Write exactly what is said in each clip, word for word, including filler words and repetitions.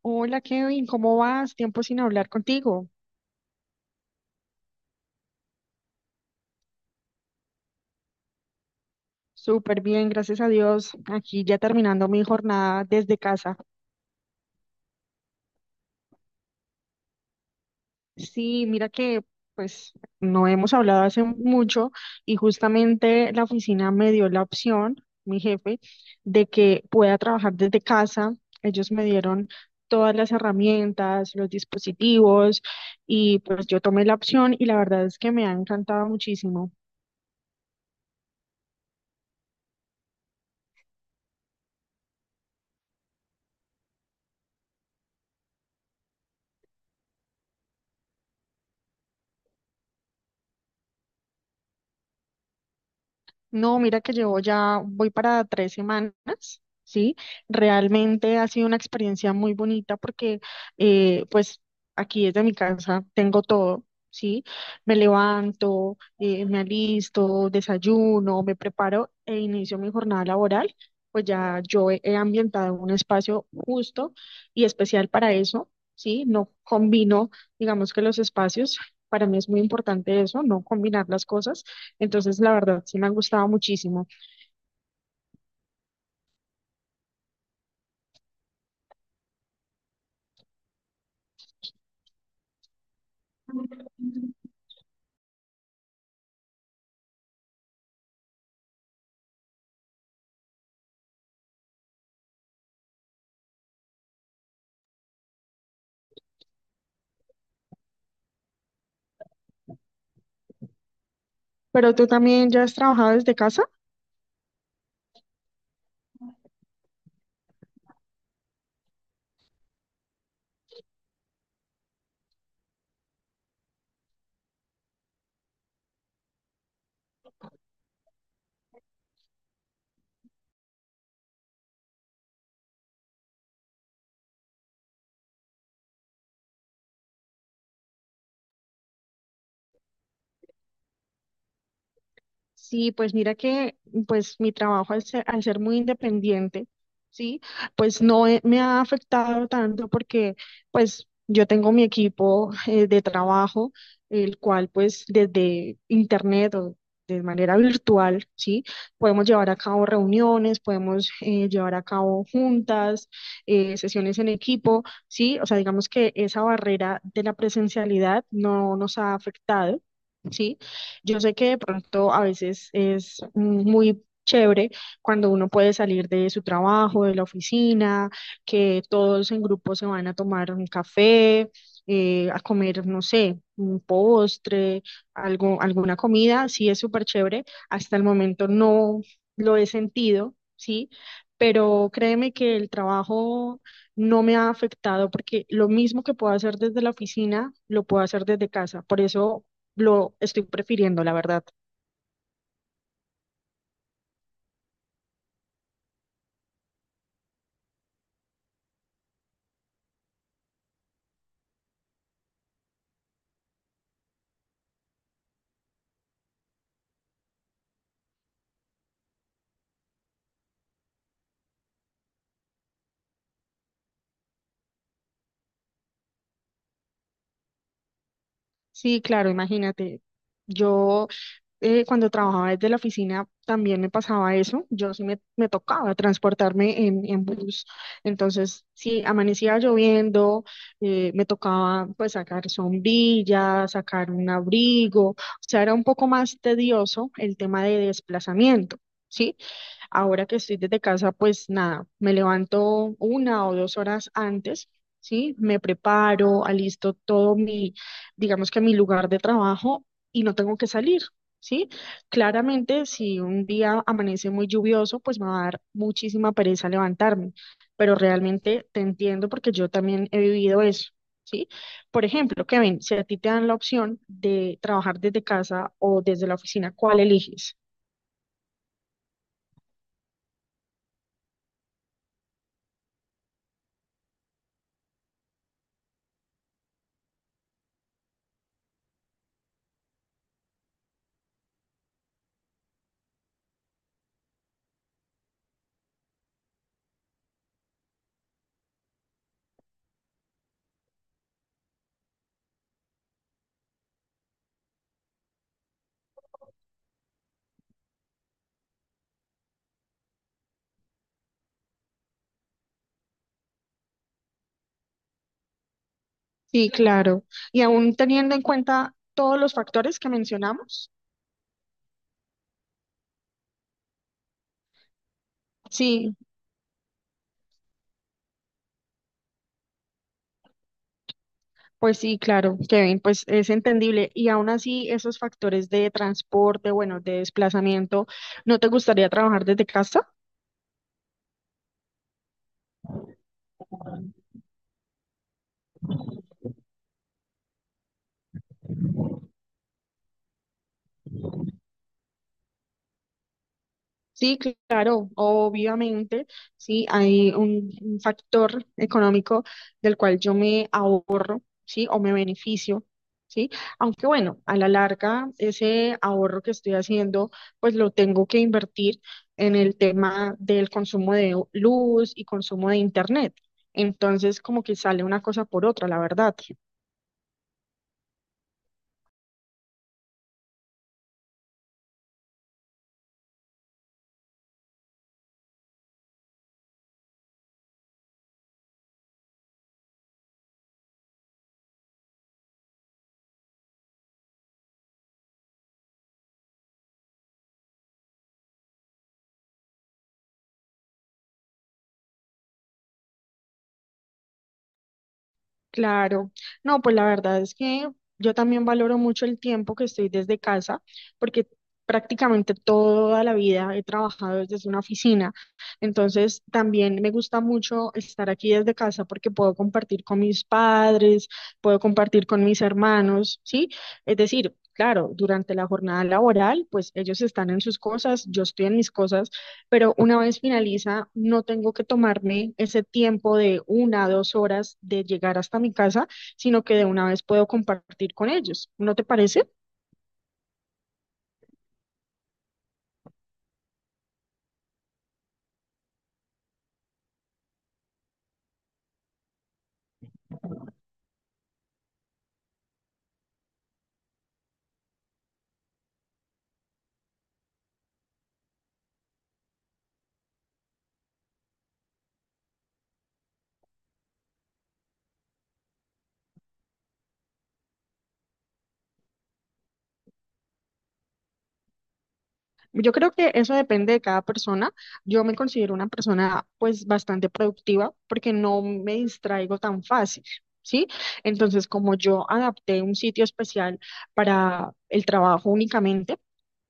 Hola Kevin, ¿cómo vas? Tiempo sin hablar contigo. Súper bien, gracias a Dios. Aquí ya terminando mi jornada desde casa. Sí, mira que pues no hemos hablado hace mucho y justamente la oficina me dio la opción, mi jefe, de que pueda trabajar desde casa. Ellos me dieron todas las herramientas, los dispositivos y pues yo tomé la opción y la verdad es que me ha encantado muchísimo. No, mira que llevo ya, voy para tres semanas, ¿sí? Realmente ha sido una experiencia muy bonita porque eh, pues aquí desde mi casa tengo todo, ¿sí? Me levanto, eh, me alisto, desayuno, me preparo e inicio mi jornada laboral. Pues ya yo he he ambientado un espacio justo y especial para eso, ¿sí? No combino, digamos que los espacios, para mí es muy importante eso, no combinar las cosas entonces, la verdad, sí me ha gustado muchísimo. Pero tú también ya has trabajado desde casa. Sí, pues mira que pues mi trabajo al ser, al ser muy independiente, sí, pues no he- me ha afectado tanto porque pues yo tengo mi equipo eh, de trabajo, el cual pues desde internet o de manera virtual, sí, podemos llevar a cabo reuniones, podemos eh, llevar a cabo juntas, eh, sesiones en equipo, sí, o sea, digamos que esa barrera de la presencialidad no nos ha afectado. ¿Sí? Yo sé que de pronto a veces es muy chévere cuando uno puede salir de su trabajo, de la oficina, que todos en grupo se van a tomar un café, eh, a comer, no sé, un postre, algo, alguna comida, sí es súper chévere. Hasta el momento no lo he sentido, ¿sí? Pero créeme que el trabajo no me ha afectado porque lo mismo que puedo hacer desde la oficina, lo puedo hacer desde casa. Por eso lo estoy prefiriendo, la verdad. Sí, claro, imagínate. Yo eh, cuando trabajaba desde la oficina también me pasaba eso. Yo sí me, me tocaba transportarme en, en bus. Entonces, sí, amanecía lloviendo, eh, me tocaba pues sacar sombrillas, sacar un abrigo. O sea, era un poco más tedioso el tema de desplazamiento. ¿Sí? Ahora que estoy desde casa, pues nada, me levanto una o dos horas antes, ¿sí? Me preparo, alisto todo mi, digamos que mi lugar de trabajo y no tengo que salir, ¿sí? Claramente, si un día amanece muy lluvioso, pues me va a dar muchísima pereza levantarme, pero realmente te entiendo porque yo también he vivido eso. ¿Sí? Por ejemplo, Kevin, si a ti te dan la opción de trabajar desde casa o desde la oficina, ¿cuál eliges? Sí, claro. Y aún teniendo en cuenta todos los factores que mencionamos, sí, pues sí, claro, Kevin, pues es entendible. Y aún así, esos factores de transporte, bueno, de desplazamiento, ¿no te gustaría trabajar desde casa? Sí, claro, obviamente, sí, hay un, un factor económico del cual yo me ahorro, sí, o me beneficio, sí, aunque bueno, a la larga ese ahorro que estoy haciendo, pues lo tengo que invertir en el tema del consumo de luz y consumo de internet. Entonces, como que sale una cosa por otra, la verdad. Claro, no, pues la verdad es que yo también valoro mucho el tiempo que estoy desde casa, porque prácticamente toda la vida he trabajado desde una oficina, entonces también me gusta mucho estar aquí desde casa porque puedo compartir con mis padres, puedo compartir con mis hermanos, ¿sí? Es decir, claro, durante la jornada laboral, pues ellos están en sus cosas, yo estoy en mis cosas pero una vez finaliza, no tengo que tomarme ese tiempo de una, dos horas de llegar hasta mi casa, sino que de una vez puedo compartir con ellos. ¿No te parece? Yo creo que eso depende de cada persona. Yo me considero una persona pues bastante productiva porque no me distraigo tan fácil, ¿sí? Entonces, como yo adapté un sitio especial para el trabajo únicamente,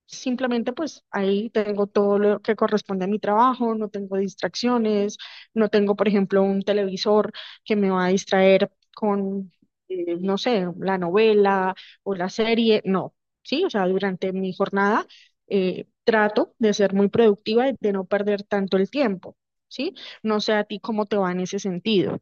simplemente pues ahí tengo todo lo que corresponde a mi trabajo, no tengo distracciones, no tengo, por ejemplo, un televisor que me va a distraer con, eh, no sé, la novela o la serie, no, sí, o sea, durante mi jornada eh, trato de ser muy productiva y de no perder tanto el tiempo, ¿sí? No sé a ti cómo te va en ese sentido.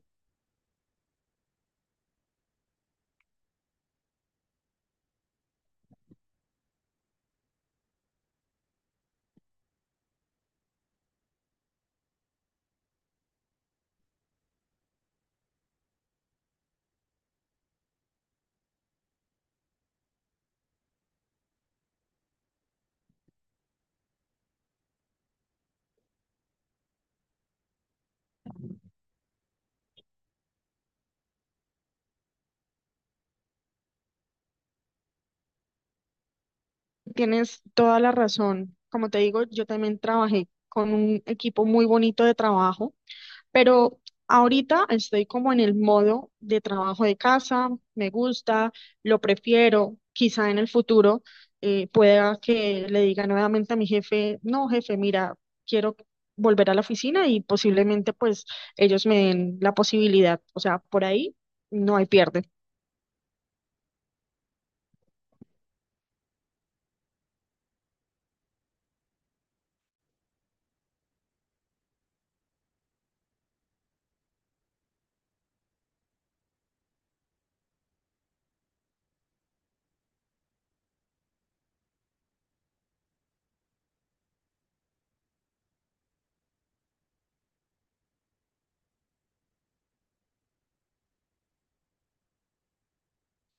Tienes toda la razón. Como te digo, yo también trabajé con un equipo muy bonito de trabajo. Pero ahorita estoy como en el modo de trabajo de casa, me gusta, lo prefiero. Quizá en el futuro eh, pueda que le diga nuevamente a mi jefe, "No, jefe, mira, quiero volver a la oficina" y posiblemente pues ellos me den la posibilidad. O sea, por ahí no hay pierde.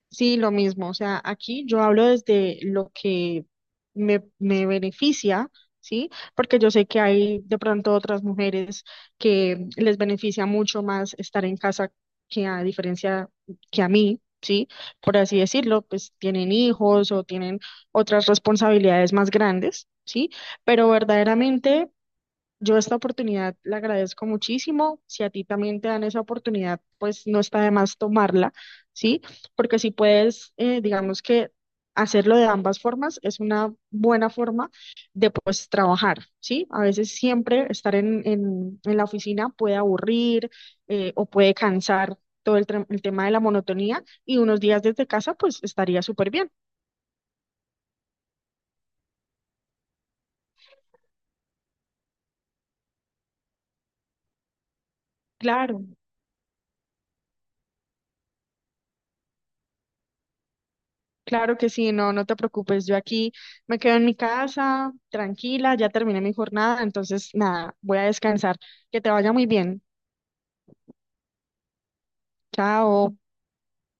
Sí, lo mismo. O sea, aquí yo hablo desde lo que me, me beneficia, ¿sí? Porque yo sé que hay de pronto otras mujeres que les beneficia mucho más estar en casa que a diferencia que a mí, ¿sí? Por así decirlo, pues tienen hijos o tienen otras responsabilidades más grandes, ¿sí? Pero verdaderamente... Yo esta oportunidad la agradezco muchísimo. Si a ti también te dan esa oportunidad, pues no está de más tomarla, ¿sí? Porque si puedes, eh, digamos que hacerlo de ambas formas es una buena forma de pues trabajar, ¿sí? A veces siempre estar en, en, en la oficina puede aburrir eh, o puede cansar todo el, tre- el tema de la monotonía y unos días desde casa pues estaría súper bien. Claro. Claro que sí, no, no te preocupes. Yo aquí me quedo en mi casa, tranquila, ya terminé mi jornada, entonces nada, voy a descansar. Que te vaya muy bien. Chao.